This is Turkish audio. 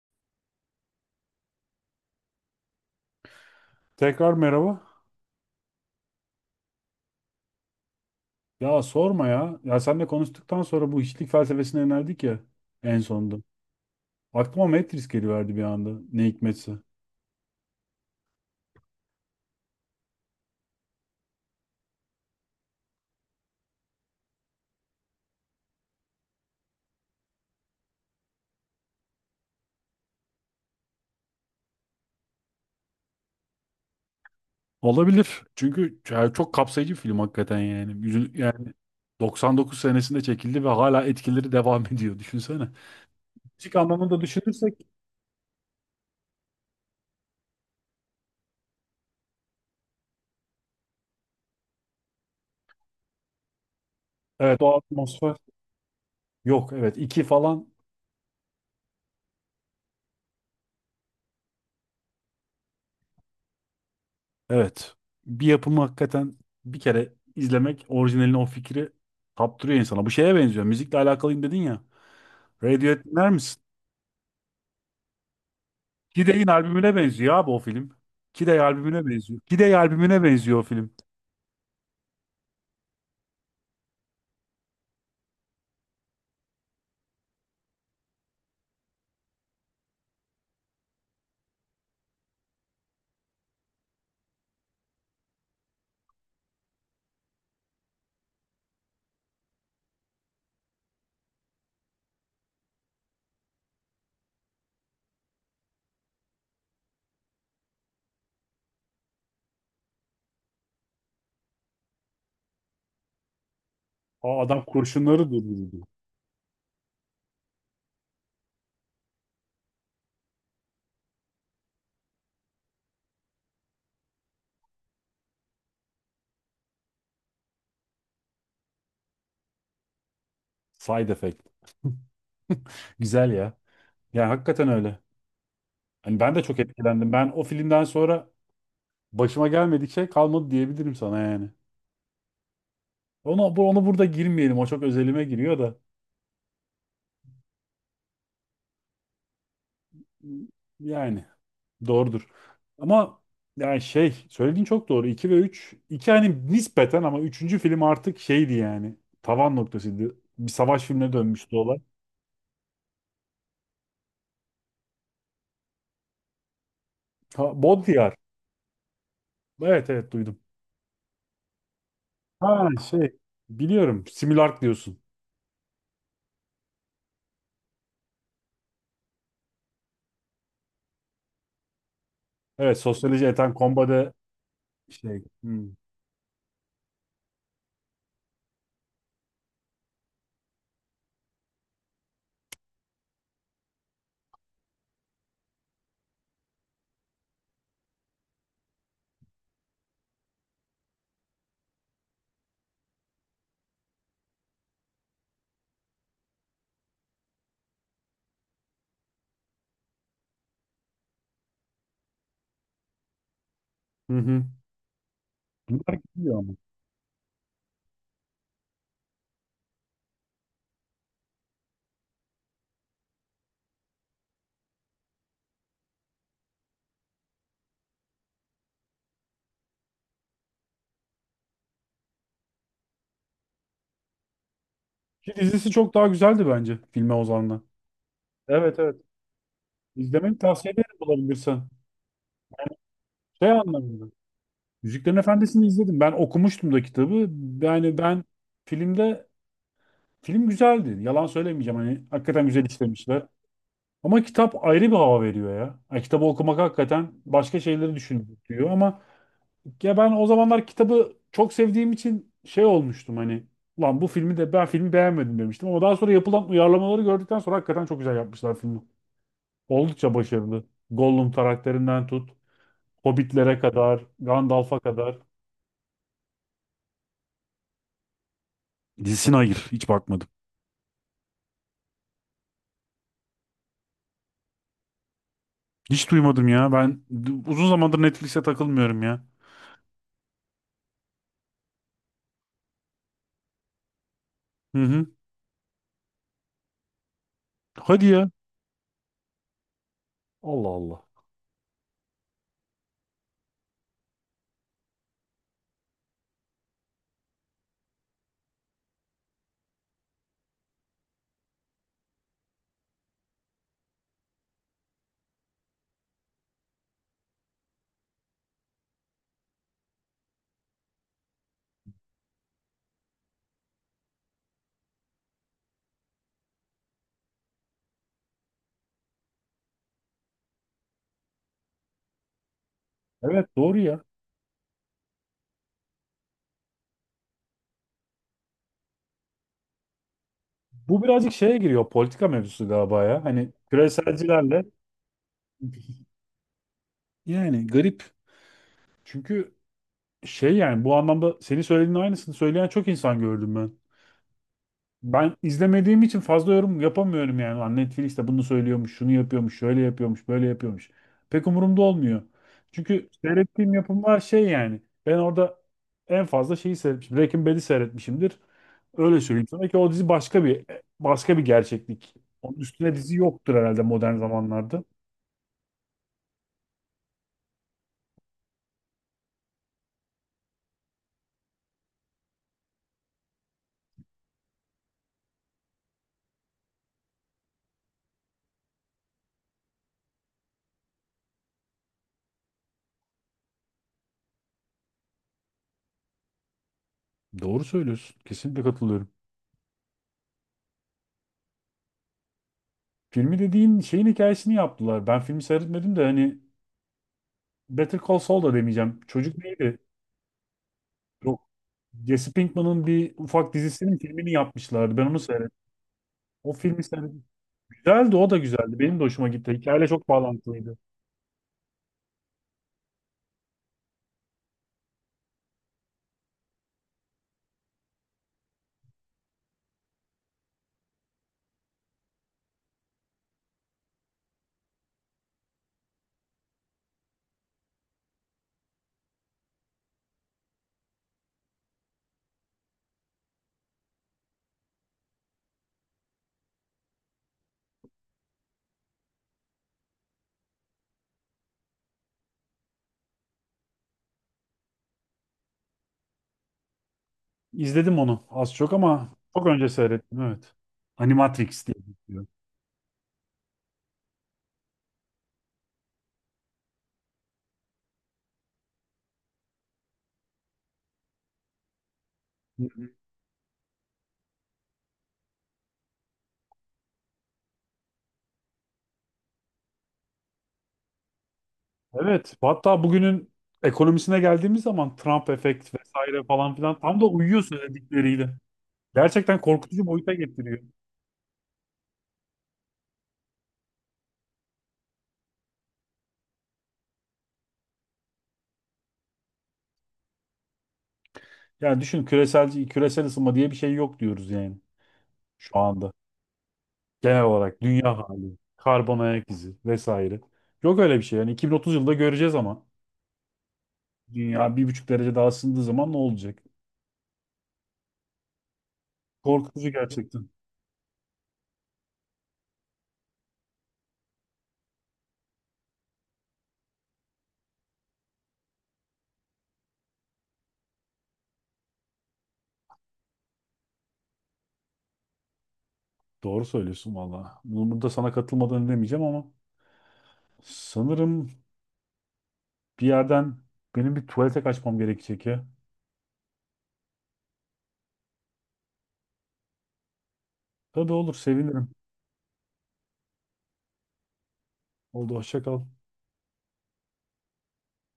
Tekrar merhaba. Ya sorma ya. Ya seninle konuştuktan sonra bu hiçlik felsefesine yöneldik ya en sonunda. Aklıma Matrix geliverdi bir anda. Ne hikmetse. Olabilir. Çünkü ya çok kapsayıcı bir film hakikaten yani. Yani 99 senesinde çekildi ve hala etkileri devam ediyor. Düşünsene. Müzik anlamında düşünürsek evet, o atmosfer yok. Evet, iki falan. Evet. Bir yapımı hakikaten bir kere izlemek orijinalini o fikri kaptırıyor insana. Bu şeye benziyor. Müzikle alakalıyım dedin ya. Radiohead dinler misin? Kid albümüne benziyor abi o film. Kid albümüne benziyor. Kid albümüne benziyor o film. Aa, adam kurşunları durdurdu. Side effect. Güzel ya. Yani hakikaten öyle. Hani ben de çok etkilendim. Ben o filmden sonra başıma gelmedik şey kalmadı diyebilirim sana yani. Onu burada girmeyelim. O çok özelime giriyor da. Yani. Doğrudur. Ama yani şey söylediğin çok doğru. 2 ve 3 2 hani nispeten ama üçüncü film artık şeydi yani. Tavan noktasıydı. Bir savaş filmine dönmüştü olay. Ha, Baudrillard. Evet duydum. Ha şey, biliyorum. Simülark diyorsun. Evet, sosyoloji eten kombade şey. Hmm. Hı hı. Bunlar gidiyor ama. Ki dizisi çok daha güzeldi bence filme oranla. Evet. İzlemeni tavsiye ederim bulabilirsen. Şey anlamında. Yüzüklerin Efendisi'ni izledim. Ben okumuştum da kitabı. Yani ben filmde, film güzeldi. Yalan söylemeyeceğim. Hani hakikaten güzel işlemişler. Ama kitap ayrı bir hava veriyor ya. Yani kitabı okumak hakikaten başka şeyleri düşündürtüyor ama ya ben o zamanlar kitabı çok sevdiğim için şey olmuştum, hani lan bu filmi de, ben filmi beğenmedim demiştim ama daha sonra yapılan uyarlamaları gördükten sonra hakikaten çok güzel yapmışlar filmi. Oldukça başarılı. Gollum karakterinden tut, Hobbitlere kadar, Gandalf'a kadar. Dizisine hayır, hiç bakmadım. Hiç duymadım ya. Ben uzun zamandır Netflix'e takılmıyorum ya. Hı hı. Hadi ya. Allah Allah. Evet, doğru ya. Bu birazcık şeye giriyor. Politika mevzusu galiba ya. Hani küreselcilerle yani garip. Çünkü şey yani, bu anlamda senin söylediğin aynısını söyleyen çok insan gördüm ben. Ben izlemediğim için fazla yorum yapamıyorum yani. Lan Netflix de bunu söylüyormuş, şunu yapıyormuş, şöyle yapıyormuş, böyle yapıyormuş. Pek umurumda olmuyor. Çünkü seyrettiğim yapımlar şey yani. Ben orada en fazla şeyi seyretmişim. Breaking Bad'i seyretmişimdir. Öyle söyleyeyim sana ki o dizi başka bir gerçeklik. Onun üstüne dizi yoktur herhalde modern zamanlarda. Doğru söylüyorsun. Kesinlikle katılıyorum. Filmi dediğin şeyin hikayesini yaptılar. Ben filmi seyretmedim de hani Better Call Saul da demeyeceğim. Çocuk neydi? Jesse Pinkman'ın bir ufak dizisinin filmini yapmışlardı. Ben onu seyrettim. O filmi seyrettim. Güzeldi, o da güzeldi. Benim de hoşuma gitti. Hikayeyle çok bağlantılıydı. İzledim onu az çok ama çok önce seyrettim, evet. Animatrix diye geçiyor. Hı hı. Evet, hatta bugünün ekonomisine geldiğimiz zaman Trump efekt vesaire falan filan tam da uyuyor söyledikleriyle. Gerçekten korkutucu boyuta getiriyor. Yani düşün, küresel ısınma diye bir şey yok diyoruz yani şu anda. Genel olarak dünya hali, karbon ayak izi vesaire. Yok öyle bir şey. Yani 2030 yılında göreceğiz ama dünya bir buçuk derece daha ısındığı zaman ne olacak? Korkutucu gerçekten. Doğru söylüyorsun valla. Bunu burada sana katılmadan demeyeceğim ama sanırım bir yerden benim bir tuvalete kaçmam gerekecek ya. Tabii olur, sevinirim. Oldu, hoşça kal.